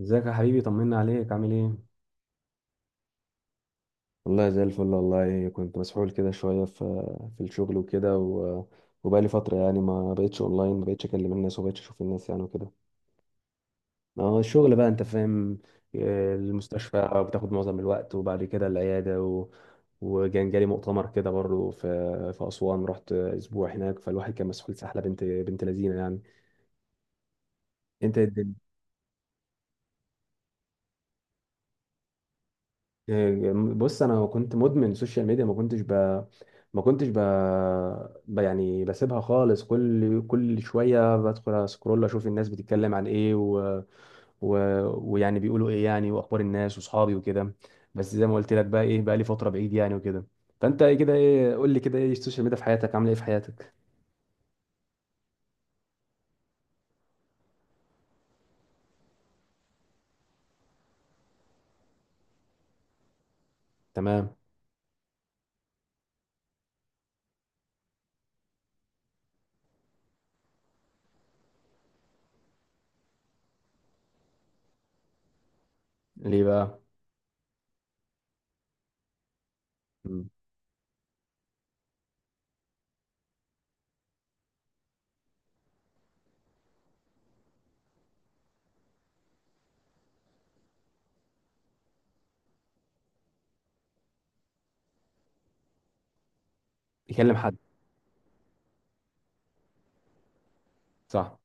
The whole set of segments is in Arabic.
ازيك يا حبيبي؟ طمنا عليك، عامل ايه؟ والله زي الفل. والله كنت مسحول كده شوية في الشغل وكده وبقالي فترة يعني ما بقتش اونلاين، ما بقتش اكلم الناس وما بقتش اشوف الناس يعني وكده. ما هو الشغل بقى، انت فاهم. المستشفى بتاخد معظم الوقت وبعد كده العيادة وكان جالي مؤتمر كده برضه في في أسوان، رحت أسبوع هناك. فالواحد كان مسحول سحلة، بنت بنت لذينة يعني. انت إيه، بص، انا كنت مدمن سوشيال ميديا. ما كنتش ب ما كنتش ب... ب... يعني بسيبها خالص كل شويه بدخل اسكرول اشوف الناس بتتكلم عن ايه و... ويعني بيقولوا ايه يعني، واخبار الناس واصحابي وكده. بس زي ما قلت لك، بقى ايه، بقى لي فتره بعيد يعني وكده. فانت إيه كده، ايه، قول لي كده، ايه السوشيال ميديا في حياتك، عامله ايه في حياتك؟ تمام. ليه بقى؟ مم. يكلم حد. صح.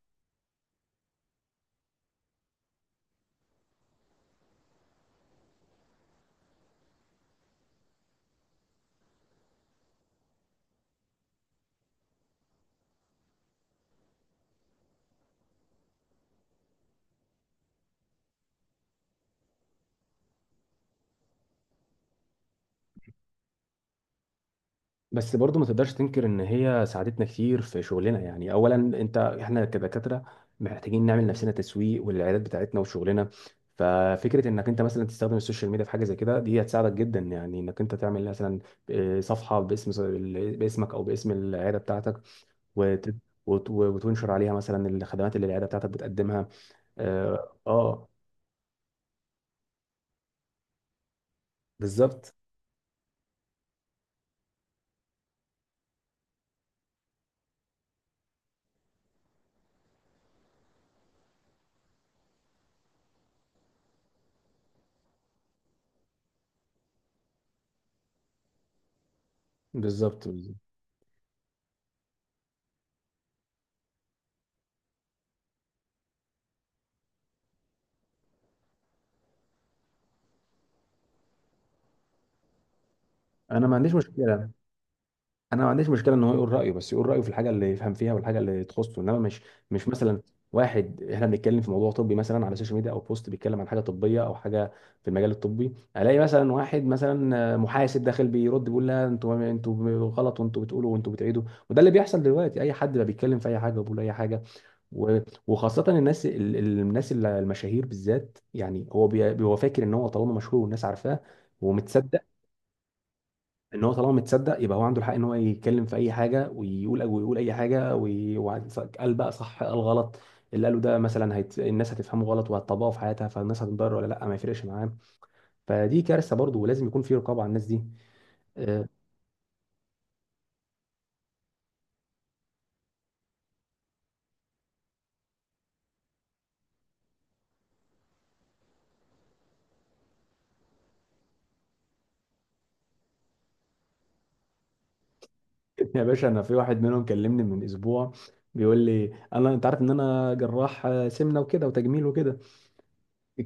بس برضو ما تقدرش تنكر ان هي ساعدتنا كتير في شغلنا يعني. اولا انت احنا كدكاتره محتاجين نعمل نفسنا تسويق والعيادات بتاعتنا وشغلنا. ففكره انك انت مثلا تستخدم السوشيال ميديا في حاجه زي كده، دي هتساعدك جدا يعني، انك انت تعمل مثلا صفحه باسم، باسمك او باسم العياده بتاعتك وت... وتنشر عليها مثلا الخدمات اللي العياده بتاعتك بتقدمها. اه آه، بالظبط، بالظبط، بالظبط. انا ما عنديش مشكله. انا ما عنديش مشكله ان هو يقول رايه، بس يقول رايه في الحاجه اللي يفهم فيها والحاجه اللي تخصه. انما مش مثلا واحد، احنا بنتكلم في موضوع طبي مثلا على السوشيال ميديا، او بوست بيتكلم عن حاجه طبيه او حاجه في المجال الطبي، الاقي مثلا واحد مثلا محاسب داخل بيرد بيقول لا، انتوا انتوا غلط وانتوا بتقولوا وانتوا بتعيدوا. وده اللي بيحصل دلوقتي، اي حد بقى بيتكلم في اي حاجه وبيقول اي حاجه. و- وخاصه الناس الناس المشاهير بالذات يعني، هو فاكر ان هو طالما مشهور والناس عارفاه ومتصدق، ان هو طالما متصدق يبقى هو عنده الحق ان هو يتكلم في اي حاجه، ويقول ويقول اي حاجه قال بقى صح قال غلط. اللي قاله ده مثلا الناس هتفهمه غلط وهتطبقه في حياتها، فالناس هتتضرر ولا لا ما يفرقش معاه. فدي كارثه برضه، ولازم يكون في رقابه على الناس دي. آه. يا باشا، انا في واحد منهم كلمني من اسبوع، بيقول لي انا، انت عارف ان انا جراح سمنه وكده وتجميل وكده.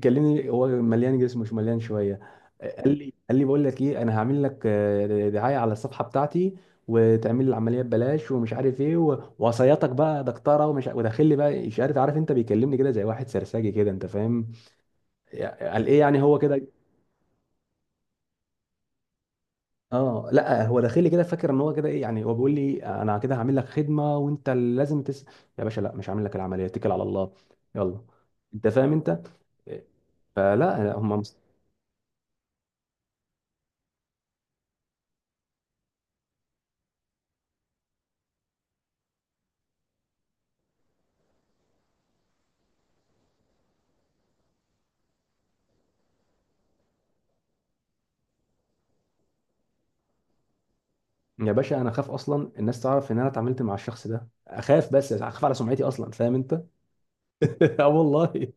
كلمني هو مليان جسم، مش مليان شويه. قال لي، قال لي بقول لك ايه، انا هعمل لك دعايه على الصفحه بتاعتي وتعمل لي العمليه ببلاش ومش عارف ايه وصياتك بقى يا دكتوره، ومش وداخل لي بقى اشاره. عارف انت، بيكلمني كده زي واحد سرساجي كده، انت فاهم؟ قال ايه يعني، هو كده. اه لا، هو داخل لي كده فاكر ان هو كده ايه يعني، هو بيقول لي انا كده هعمل لك خدمه وانت اللي لازم تس. يا باشا لا، مش هعمل لك العمليه، اتكل على الله. يلا. انت فاهم انت. فلا هم. يا باشا انا اخاف اصلا الناس تعرف ان انا اتعاملت مع الشخص ده، اخاف بس اخاف على سمعتي اصلا، فاهم انت. اه والله.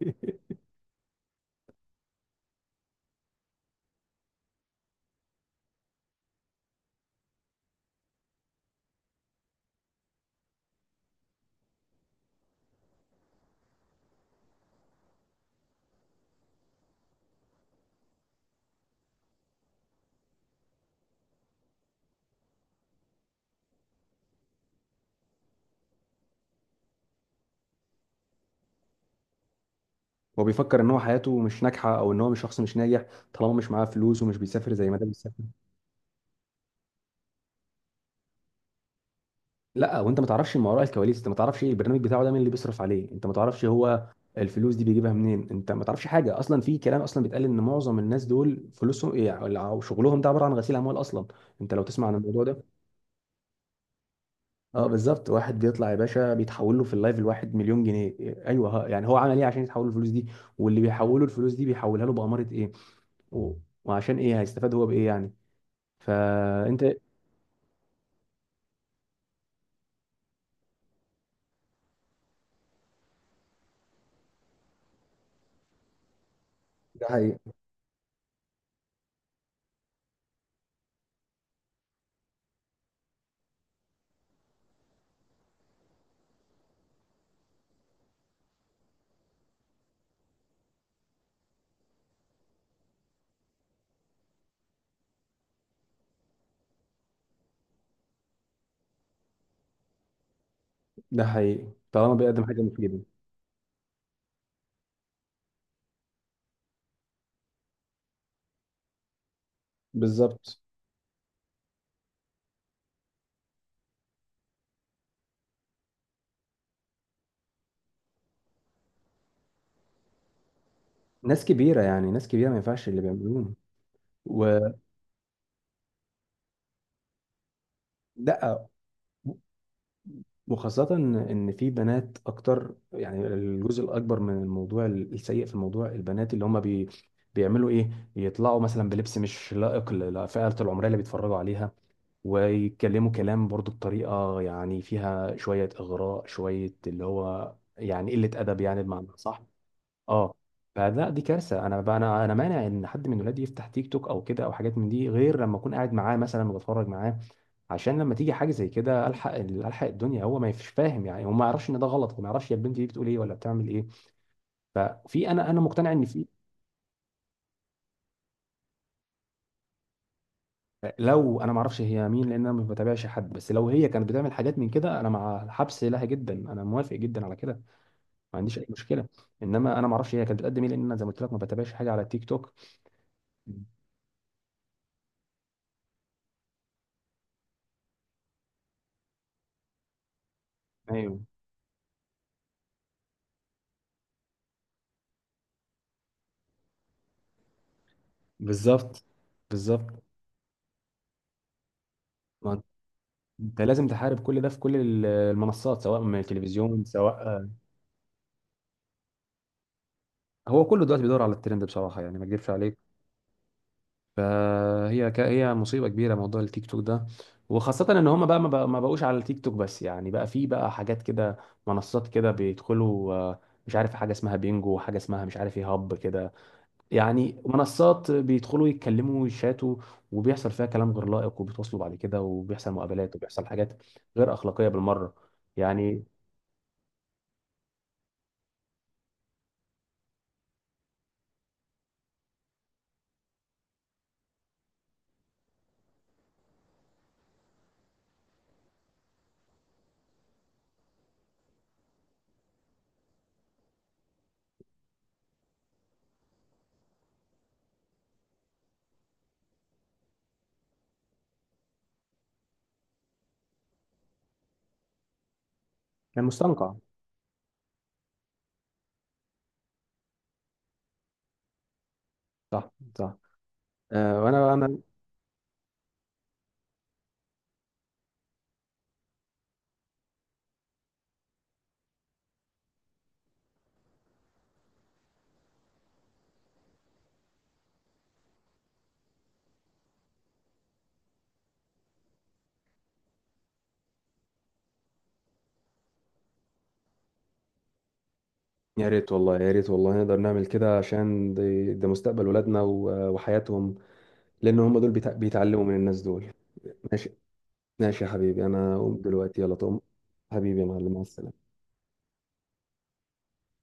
هو بيفكر ان هو حياته مش ناجحه، او ان هو مش شخص مش ناجح طالما مش معاه فلوس ومش بيسافر زي ما ده بيسافر. لا، وانت ما تعرفش ما وراء الكواليس، انت ما تعرفش ايه البرنامج بتاعه ده، مين اللي بيصرف عليه، انت ما تعرفش هو الفلوس دي بيجيبها منين. انت ما تعرفش حاجه اصلا. في كلام اصلا بيتقال ان معظم الناس دول فلوسهم ايه، او أو شغلهم ده عباره عن غسيل اموال اصلا، انت لو تسمع عن الموضوع ده. اه بالظبط. واحد بيطلع يا باشا بيتحول له في اللايف الواحد مليون جنيه. ايوه، يعني هو عمل ايه عشان يتحول له الفلوس دي؟ واللي بيحوله الفلوس دي بيحولها له بأمارة ايه؟ و- وعشان ايه هيستفاد هو بإيه يعني؟ فانت. ده حقيقي. ده حقيقي طالما بيقدم حاجة مفيدة. بالظبط. ناس كبيرة يعني، ناس كبيرة ما ينفعش اللي بيعملوه. ولا. وخاصة إن في بنات أكتر يعني، الجزء الأكبر من الموضوع السيء في الموضوع البنات اللي هم بيعملوا إيه؟ يطلعوا مثلا بلبس مش لائق للفئة العمرية اللي بيتفرجوا عليها، ويتكلموا كلام برضو بطريقة يعني فيها شوية إغراء، شوية اللي هو يعني قلة أدب يعني، بمعنى صح؟ آه. فده دي كارثة. أنا بقى، أنا مانع إن حد من ولادي يفتح تيك توك أو كده أو حاجات من دي غير لما أكون قاعد معاه مثلا وبتفرج معاه. عشان لما تيجي حاجه زي كده الحق الحق الدنيا، هو ما يفش فاهم يعني، هو ما يعرفش ان ده غلط وما يعرفش هي البنت دي بتقول ايه ولا بتعمل ايه. ففي، انا مقتنع ان في. لو انا ما اعرفش هي مين لان انا ما بتابعش حد، بس لو هي كانت بتعمل حاجات من كده انا مع الحبس لها جدا، انا موافق جدا على كده. ما عنديش اي مشكله. انما انا ما اعرفش هي كانت بتقدم ايه، لان انا زي ما قلت لك ما بتابعش حاجه على التيك توك. ايوه. بالظبط، بالظبط. ما انت لازم تحارب كل ده في كل المنصات، سواء من التلفزيون سواء. هو كله دلوقتي بيدور على الترند بصراحه يعني، ما اكذبش عليك. هي مصيبة كبيرة موضوع التيك توك ده. وخاصة ان هم بقى ما بقوش على التيك توك بس يعني، بقى في بقى حاجات كده، منصات كده بيدخلوا، مش عارف حاجة اسمها بينجو وحاجة اسمها مش عارف ايه، هب كده. يعني منصات بيدخلوا يتكلموا ويشاتوا، وبيحصل فيها كلام غير لائق، وبيتواصلوا بعد كده وبيحصل مقابلات وبيحصل حاجات غير أخلاقية بالمرة، يعني. كان مستنقع. صح. صح. وانا. يا ريت والله، يا ريت والله نقدر نعمل كده، عشان ده مستقبل ولادنا وحياتهم، لان هم دول بيتعلموا من الناس دول. ماشي. ماشي يا حبيبي، انا اقوم دلوقتي، يلا تقوم. حبيبي يا معلم، مع السلامة.